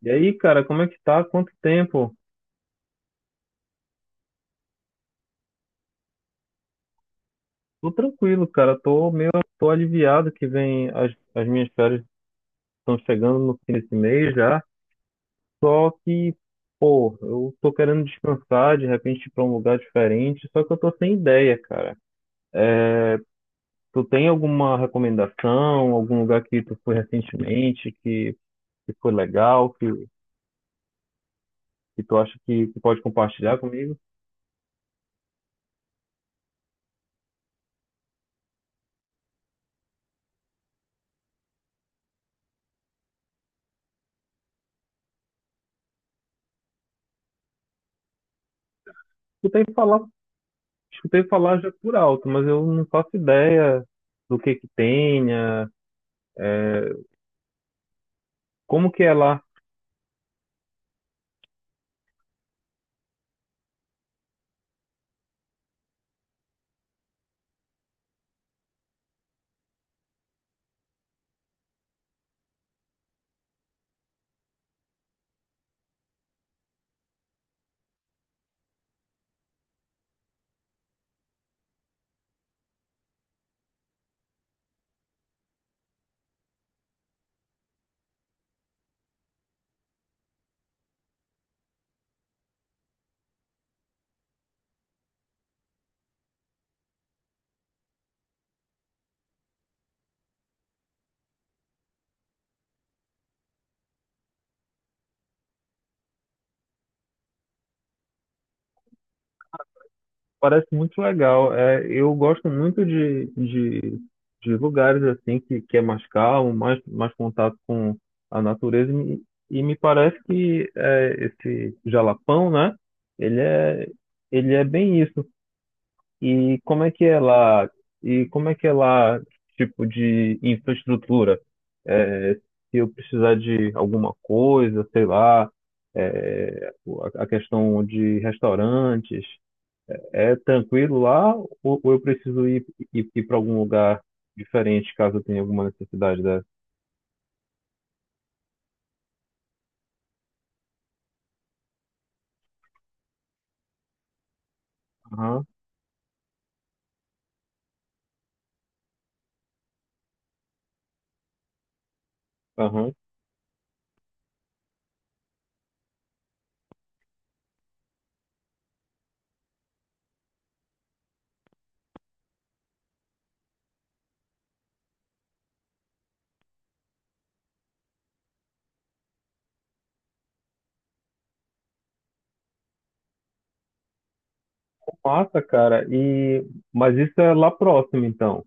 E aí, cara, como é que tá? Quanto tempo? Tô tranquilo, cara. Tô aliviado que vem as minhas férias estão chegando no fim desse mês já. Só que, pô, eu tô querendo descansar, de repente ir pra um lugar diferente, só que eu tô sem ideia, cara. Tu tem alguma recomendação, algum lugar que tu foi recentemente, que foi legal, que tu acha que pode compartilhar comigo? Escutei falar, escutei falar já por alto, mas eu não faço ideia do que que tenha. Como que é lá? Parece muito legal. É, eu gosto muito de lugares assim que é mais calmo, mais contato com a natureza. E me parece que é, esse Jalapão, né? Ele é, ele é bem isso. E como é que é lá? E como é que é lá, tipo de infraestrutura? É, se eu precisar de alguma coisa, sei lá, é, a questão de restaurantes. É tranquilo lá ou eu preciso ir para algum lugar diferente caso eu tenha alguma necessidade dessa? Aham, aham. Massa, cara. E mas isso é lá próximo então,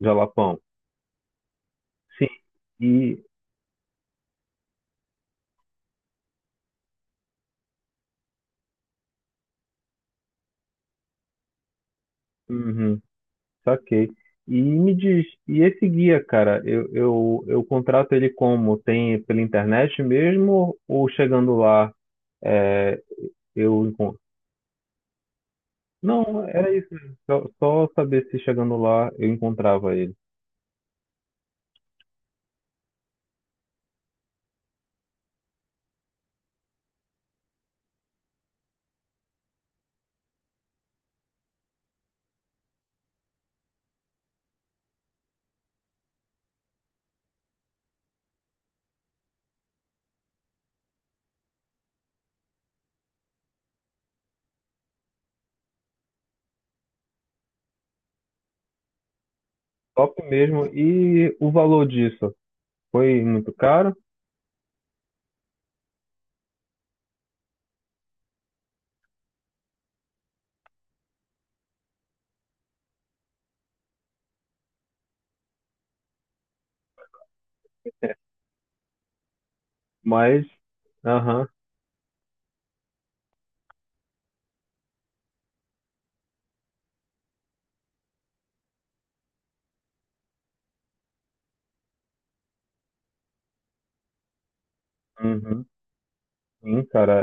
Jalapão. Sim. E uhum, saquei. E me diz, e esse guia, cara, eu contrato ele como? Tem pela internet mesmo ou chegando lá é, eu encontro? Não, era isso mesmo. Só saber se chegando lá eu encontrava ele. Top mesmo. E o valor disso? Foi muito caro, mas. Aham, uhum. Sim, cara.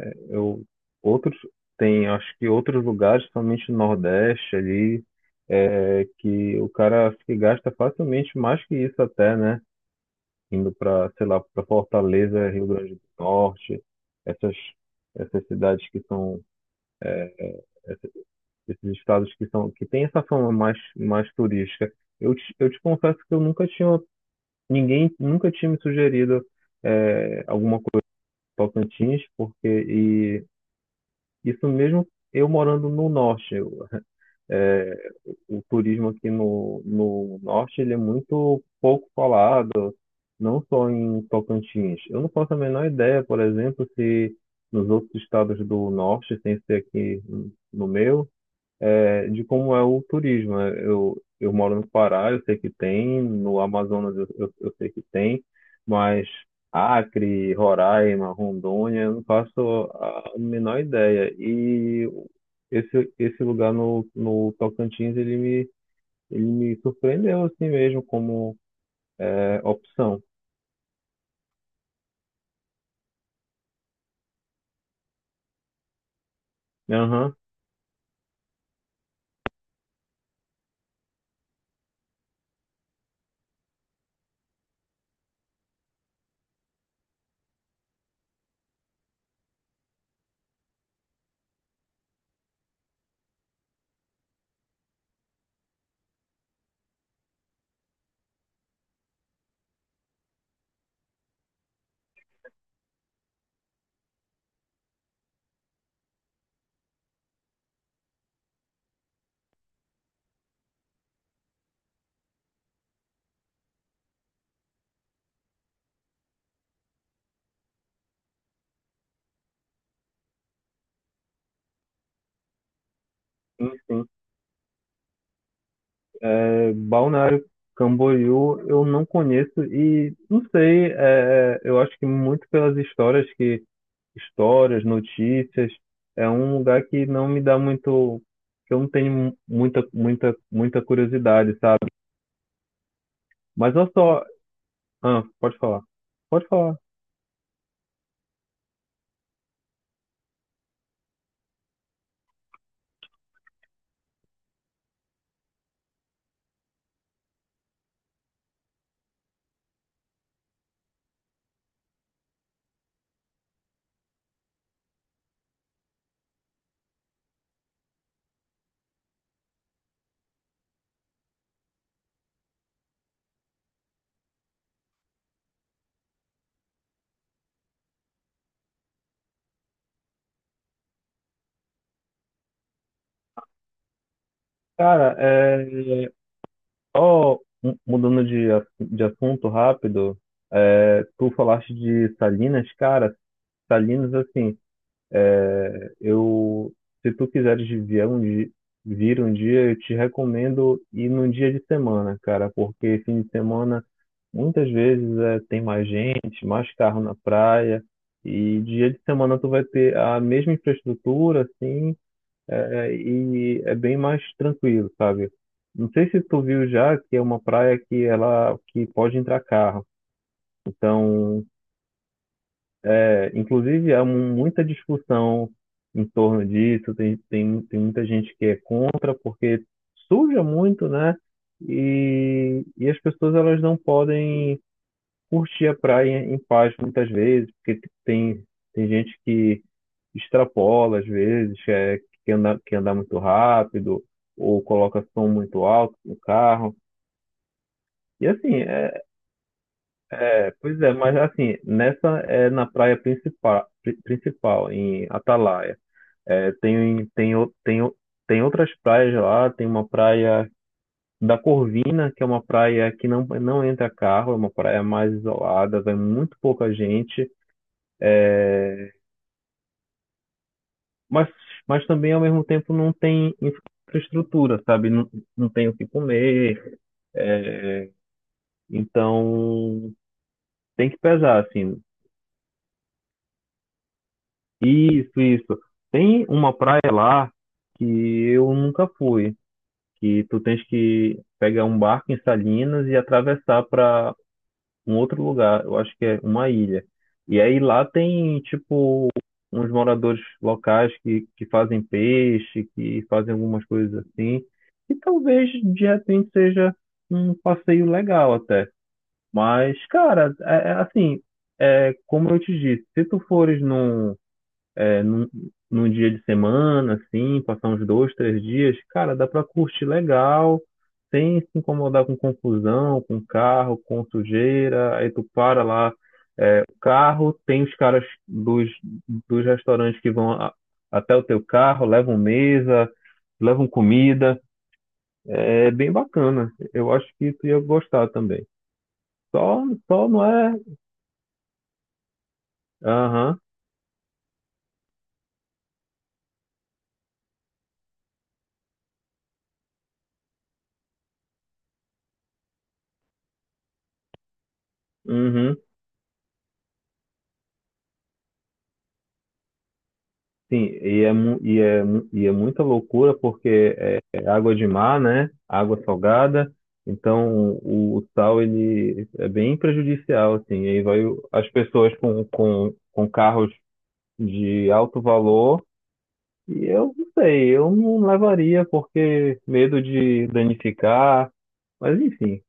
É, eu, outros. Tem, acho que outros lugares, somente no Nordeste ali, é, que o cara acho que gasta facilmente mais que isso até, né? Indo para, sei lá, para Fortaleza, Rio Grande do Norte, essas, essas cidades que são, esses estados que são, que tem essa fama mais turística. Eu te confesso que eu nunca tinha ninguém nunca tinha me sugerido é, alguma coisa em Tocantins, porque e isso mesmo eu morando no norte. Eu, é, o turismo aqui no, no norte ele é muito pouco falado, não só em Tocantins. Eu não faço a menor ideia, por exemplo, se nos outros estados do norte, sem ser aqui no meu, é, de como é o turismo. Né? Eu moro no Pará, eu sei que tem, no Amazonas eu sei que tem, mas Acre, Roraima, Rondônia, eu não faço a menor ideia. E esse lugar no, no Tocantins, ele me surpreendeu assim mesmo como é, opção. Aham, sim, sim. É, Balneário Camboriú eu não conheço e não sei, é, é, eu acho que muito pelas histórias que histórias, notícias. É um lugar que não me dá muito, que eu não tenho muita, muita, muita curiosidade, sabe? Mas eu só, ah, pode falar, pode falar. Cara, é, ó, mudando de assunto rápido, é, tu falaste de Salinas, cara, Salinas, assim, é, eu, se tu quiseres vir um dia, eu te recomendo ir num dia de semana, cara, porque fim de semana muitas vezes é, tem mais gente, mais carro na praia, e dia de semana tu vai ter a mesma infraestrutura, assim, é, é, e é bem mais tranquilo, sabe? Não sei se tu viu já que é uma praia que ela que pode entrar carro. Então, é, inclusive há muita discussão em torno disso. Tem muita gente que é contra porque suja muito, né? E as pessoas elas não podem curtir a praia em paz muitas vezes, porque tem, tem gente que extrapola às vezes, é, que anda muito rápido, ou coloca som muito alto no carro. E assim, é, é, pois é, mas assim, nessa é na praia principal, principal em Atalaia. É, tem outras praias lá, tem uma praia da Corvina, que é uma praia que não, não entra carro, é uma praia mais isolada, vai muito pouca gente. mas, mas também ao mesmo tempo não tem infraestrutura, sabe? Não, não tem o que comer, é, então tem que pesar, assim. Isso, isso. Tem uma praia lá que eu nunca fui, que tu tens que pegar um barco em Salinas e atravessar para um outro lugar, eu acho que é uma ilha. E aí lá tem, tipo, uns moradores locais que fazem peixe, que fazem algumas coisas assim. E talvez de repente seja um passeio legal até. Mas, cara, é assim, é, como eu te disse, se tu fores num é, num dia de semana, assim, passar uns dois, três dias, cara, dá pra curtir legal, sem se incomodar com confusão, com carro, com sujeira. Aí tu para lá, é, o carro, tem os caras dos restaurantes que vão até o teu carro, levam mesa, levam comida. É é bem bacana. Eu acho que tu ia gostar também. Só, só não é. Aham, uhum. Sim, e é muita loucura porque é, é água de mar, né? Água salgada. Então o sal ele é bem prejudicial, assim. E aí vai o- as pessoas com carros de alto valor. E eu não sei, eu não levaria porque medo de danificar. Mas enfim.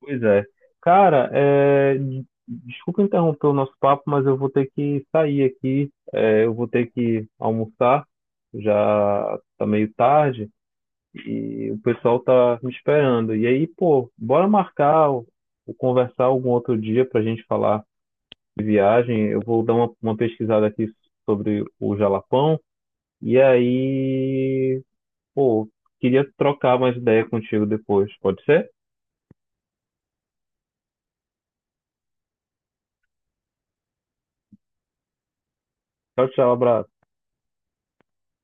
Pois é. Cara, é, desculpa interromper o nosso papo, mas eu vou ter que sair aqui. É, eu vou ter que almoçar, já tá meio tarde e o pessoal tá me esperando. E aí, pô, bora marcar ou conversar algum outro dia pra gente falar de viagem. Eu vou dar uma pesquisada aqui sobre o Jalapão e aí, pô, queria trocar mais ideia contigo depois, pode ser? Tchau, tchau, abraço.